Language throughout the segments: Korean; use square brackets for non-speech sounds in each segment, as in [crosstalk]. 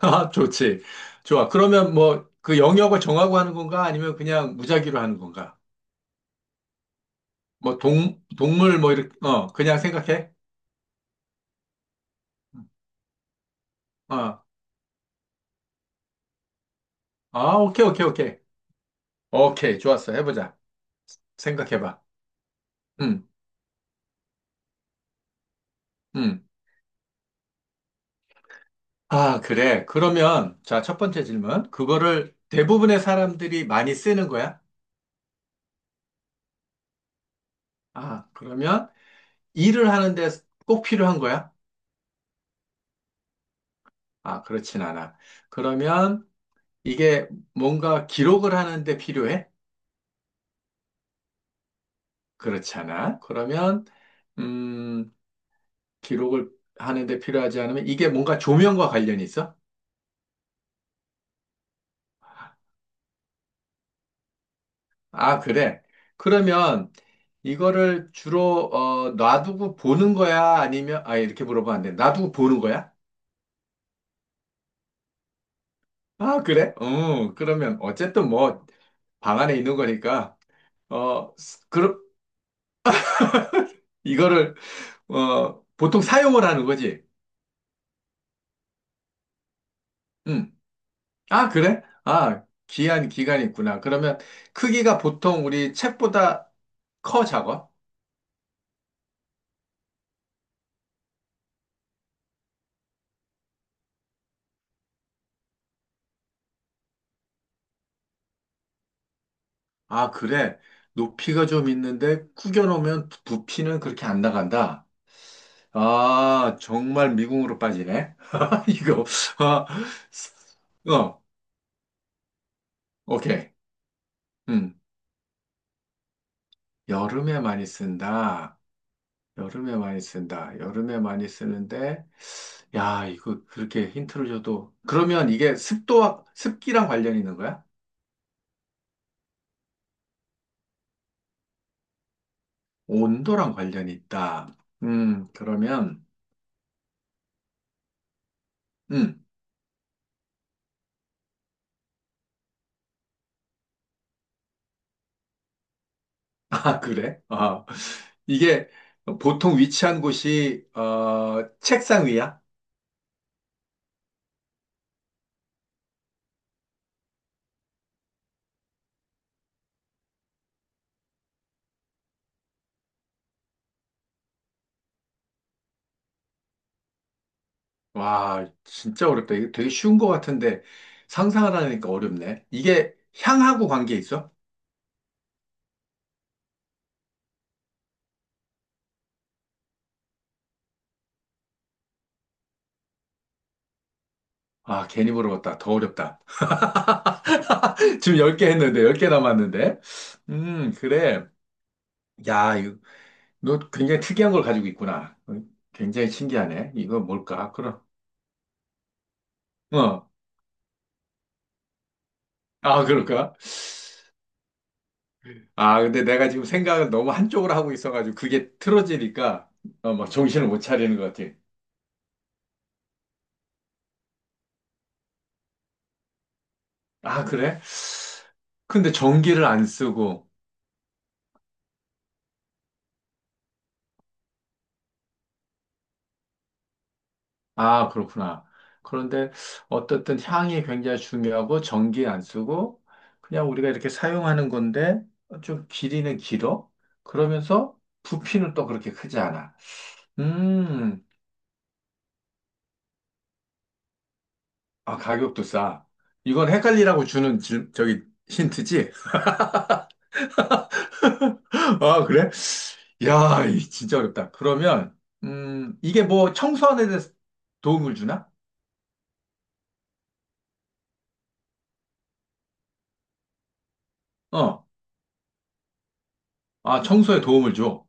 아, 좋지. 좋아. 그러면 뭐 그 영역을 정하고 하는 건가? 아니면 그냥 무작위로 하는 건가? 뭐 동물 뭐 이렇게, 어, 그냥 생각해? 어. 아, 오케이, 오케이, 오케이. 오케이. 좋았어. 해보자. 생각해봐. 음, 음. 아, 그래. 그러면, 자, 첫 번째 질문. 그거를 대부분의 사람들이 많이 쓰는 거야? 아, 그러면 일을 하는데 꼭 필요한 거야? 아, 그렇진 않아. 그러면 이게 뭔가 기록을 하는데 필요해? 그렇지 않아. 그러면 음, 기록을 하는데 필요하지 않으면 이게 뭔가 조명과 관련이 있어? 아, 그래. 그러면 이거를 주로 어, 놔두고 보는 거야? 아니면 아 이렇게 물어보면 안 돼. 놔두고 보는 거야? 아, 그래? 그러면 어쨌든 뭐 방 안에 있는 거니까 어, 그럼 이거를 어, 보통 사용을 하는 거지. 음. 아, 그래? 아, 기한 기간이 있구나. 그러면 크기가 보통 우리 책보다 커 작아? 아, 그래. 높이가 좀 있는데 구겨놓으면 부피는 그렇게 안 나간다. 아, 정말 미궁으로 빠지네. [laughs] 이거. 아, 어, 오케이. 음, 여름에 많이 쓴다. 여름에 많이 쓴다. 여름에 많이 쓰는데, 야, 이거 그렇게 힌트를 줘도. 그러면 이게 습도와, 습기랑 관련이 있는 거야? 온도랑 관련이 있다. 그러면, 음. 아, 그래? 아, 이게 보통 위치한 곳이, 어, 책상 위야? 와, 진짜 어렵다. 이거 되게 쉬운 것 같은데 상상하라니까 어렵네. 이게 향하고 관계 있어? 아, 괜히 물어봤다. 더 어렵다. [laughs] 지금 10개 했는데, 10개 남았는데. 그래. 야, 이거, 너 굉장히 특이한 걸 가지고 있구나. 어, 굉장히 신기하네. 이거 뭘까? 그럼. 어. 아, 그럴까? 아, 근데 내가 지금 생각을 너무 한쪽으로 하고 있어가지고 그게 틀어지니까 어, 막 정신을 못 차리는 것 같아. 아, 그래? 근데 전기를 안 쓰고. 아, 그렇구나. 그런데 어떻든 향이 굉장히 중요하고 전기 안 쓰고 그냥 우리가 이렇게 사용하는 건데 좀 길이는 길어? 그러면서 부피는 또 그렇게 크지 않아. 음, 아, 가격도 싸. 이건 헷갈리라고 주는 저기 힌트지? 아, 그래? 야, 이 진짜 어렵다. 그러면, 이게 뭐 청소하는 데 대해서 도움을 주나? 어, 아, 청소에 도움을 줘.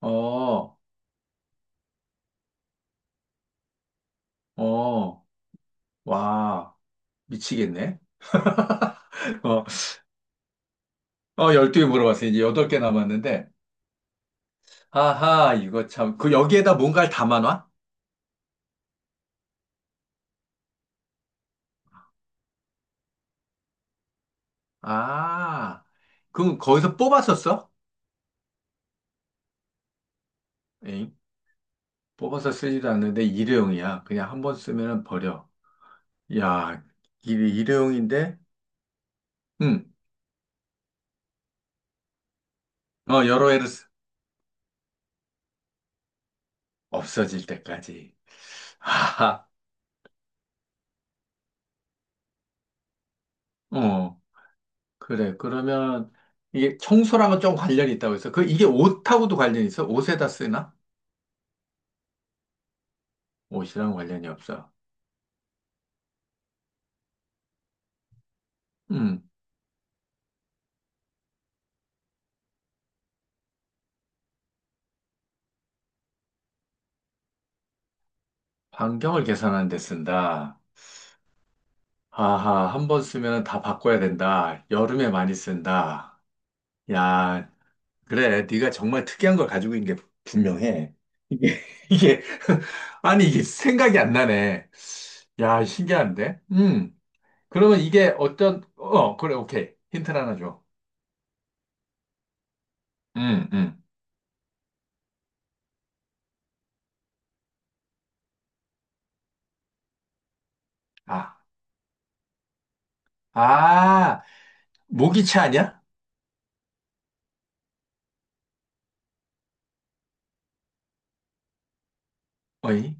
어, 어, 와, 미치겠네. [laughs] 어, 어, 12개 물어봤어. 이제 8개 남았는데. 아하, 이거 참. 그 여기에다 뭔가를 담아놔? 아, 그럼 거기서 뽑아서 써? 에잉? 뽑아서 쓰지도 않는데 일회용이야. 그냥 한번 쓰면 버려. 야, 일회용인데? 응. 어, 여러 애를, 없어질 때까지. 아, 어, 그래. 그러면 이게 청소랑은 좀 관련이 있다고 해서 그 이게 옷하고도 관련이 있어? 옷에다 쓰나? 옷이랑 관련이 없어. 음, 반경을 계산하는 데 쓴다. 아하, 한 번 쓰면 다 바꿔야 된다. 여름에 많이 쓴다. 야, 그래. 네가 정말 특이한 걸 가지고 있는 게 분명해. 이게, [laughs] 이게, [laughs] 아니, 이게 생각이 안 나네. 야, 신기한데? 음. 그러면 이게 어떤, 어, 그래, 오케이. 힌트를 하나 줘. 응 응 아, 아, 모기채 아니야? 어이?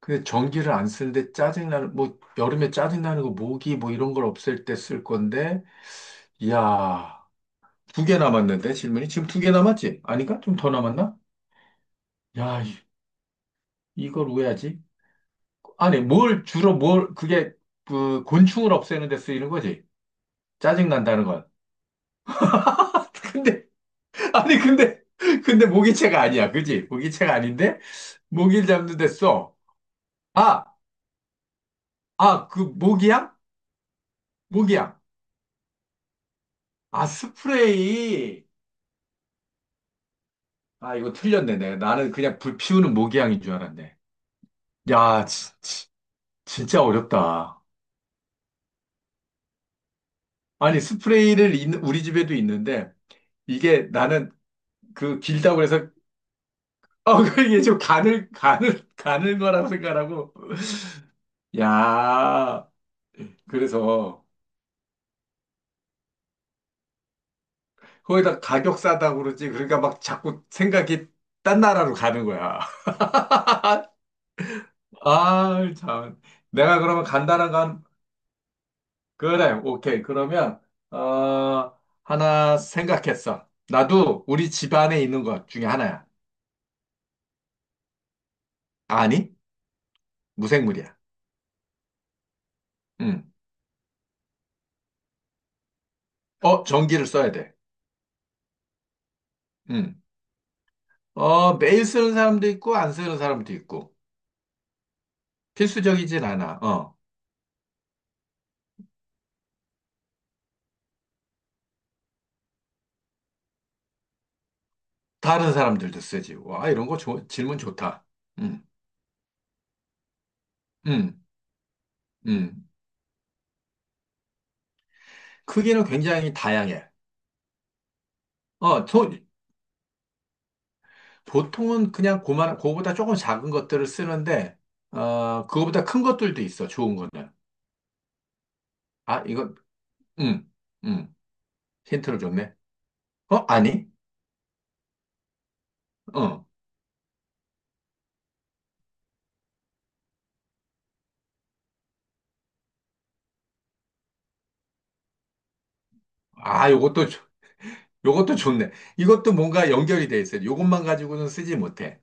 근데 전기를 안 쓰는데 짜증나는, 뭐, 여름에 짜증나는 거, 모기 뭐 이런 걸 없앨 때 쓸 건데, 이야, 두 개 남았는데, 질문이? 지금 두 개 남았지? 아닌가? 좀 더 남았나? 야, 이걸 왜 하지? 아니, 뭘, 주로 뭘, 그게, 그, 곤충을 없애는 데 쓰이는 거지? 짜증난다는 건. [laughs] 근데, 아니, 근데, 근데 모기채가 아니야. 그지? 모기채가 아닌데? 모기를 잡는 데 써. 아, 아, 그 모기향? 모기향. 아, 스프레이. 아, 이거 틀렸네. 내 나는 그냥 불 피우는 모기향인 줄 알았네. 야, 진짜 어렵다. 아니, 우리 집에도 있는데 이게 나는 그 길다고 해서 어, [laughs] 이게 좀 가늘 거라고 생각하고. 야, 그래서 거기다 가격 싸다고 그러지. 그러니까 막 자꾸 생각이 딴 나라로 가는 거야. [laughs] 아, 참. 내가 그러면 간단한 건, 그래, 오케이. 그러면, 어, 하나 생각했어. 나도 우리 집안에 있는 것 중에 하나야. 아니, 무생물이야. 응. 어, 전기를 써야 돼. 응. 어, 매일 쓰는 사람도 있고, 안 쓰는 사람도 있고. 필수적이진 않아. 어. 다른 사람들도 쓰지. 와, 이런 거 질문 좋다. 응, 응, 응. 크기는 굉장히 다양해. 어, 소, 보통은 그냥 고만, 그거보다 조금 작은 것들을 쓰는데, 어, 그거보다 큰 것들도 있어, 좋은 거는. 아, 이거, 음, 음, 힌트를 줬네. 어, 아니? 어. 아, 요것도, 요것도 좋네. 이것도 뭔가 연결이 돼 있어요. 요것만 가지고는 쓰지 못해.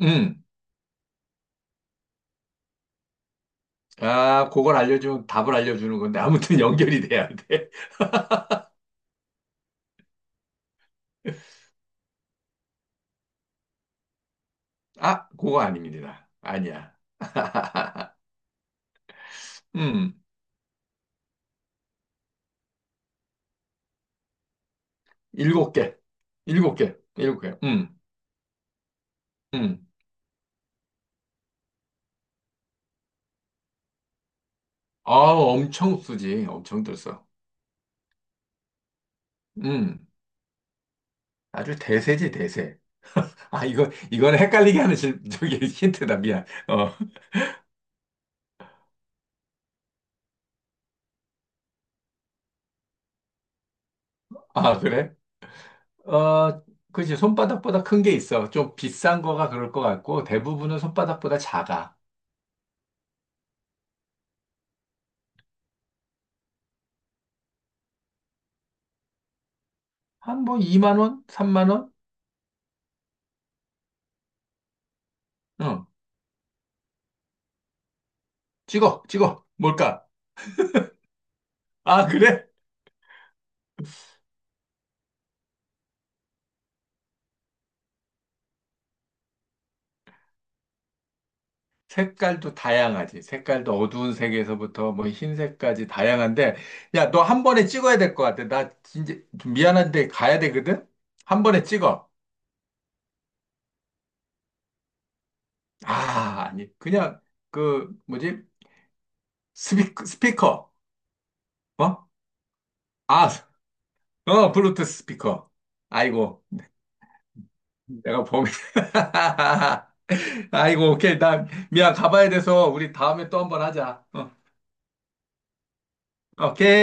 음, 아, 그걸 알려주면 답을 알려주는 건데, 아무튼 [laughs] 연결이 돼야 돼. [laughs] 아, 그거 아닙니다. 아니야. [laughs] 음, 일곱 개. 일곱 개. 일곱 개. 음. 아, 엄청 쓰지. 엄청 들써. 음, 아주 대세지, 대세. [laughs] 아, 이거, 이건 헷갈리게 하는 저기 힌트다. 미안. 어, 아, 그래? 어, 그치. 손바닥보다 큰 게 있어. 좀 비싼 거가 그럴 것 같고, 대부분은 손바닥보다 작아. 한 뭐 2만 원? 3만 원? 응. 찍어, 찍어. 뭘까? 아, 그래? 색깔도 다양하지. 색깔도 어두운 색에서부터 뭐 흰색까지 다양한데, 야, 너 한 번에 찍어야 될 것 같아. 나 진짜 좀 미안한데 가야 되거든? 한 번에 찍어. 아, 아니. 그냥 그, 뭐지? 스피커, 스피커. 어? 아, 어, 블루투스 스피커. 아이고, 내가 범인. [laughs] 아이고, 오케이. 나 미안. 가봐야 돼서 우리 다음에 또 한 번 하자. 어, 오케이.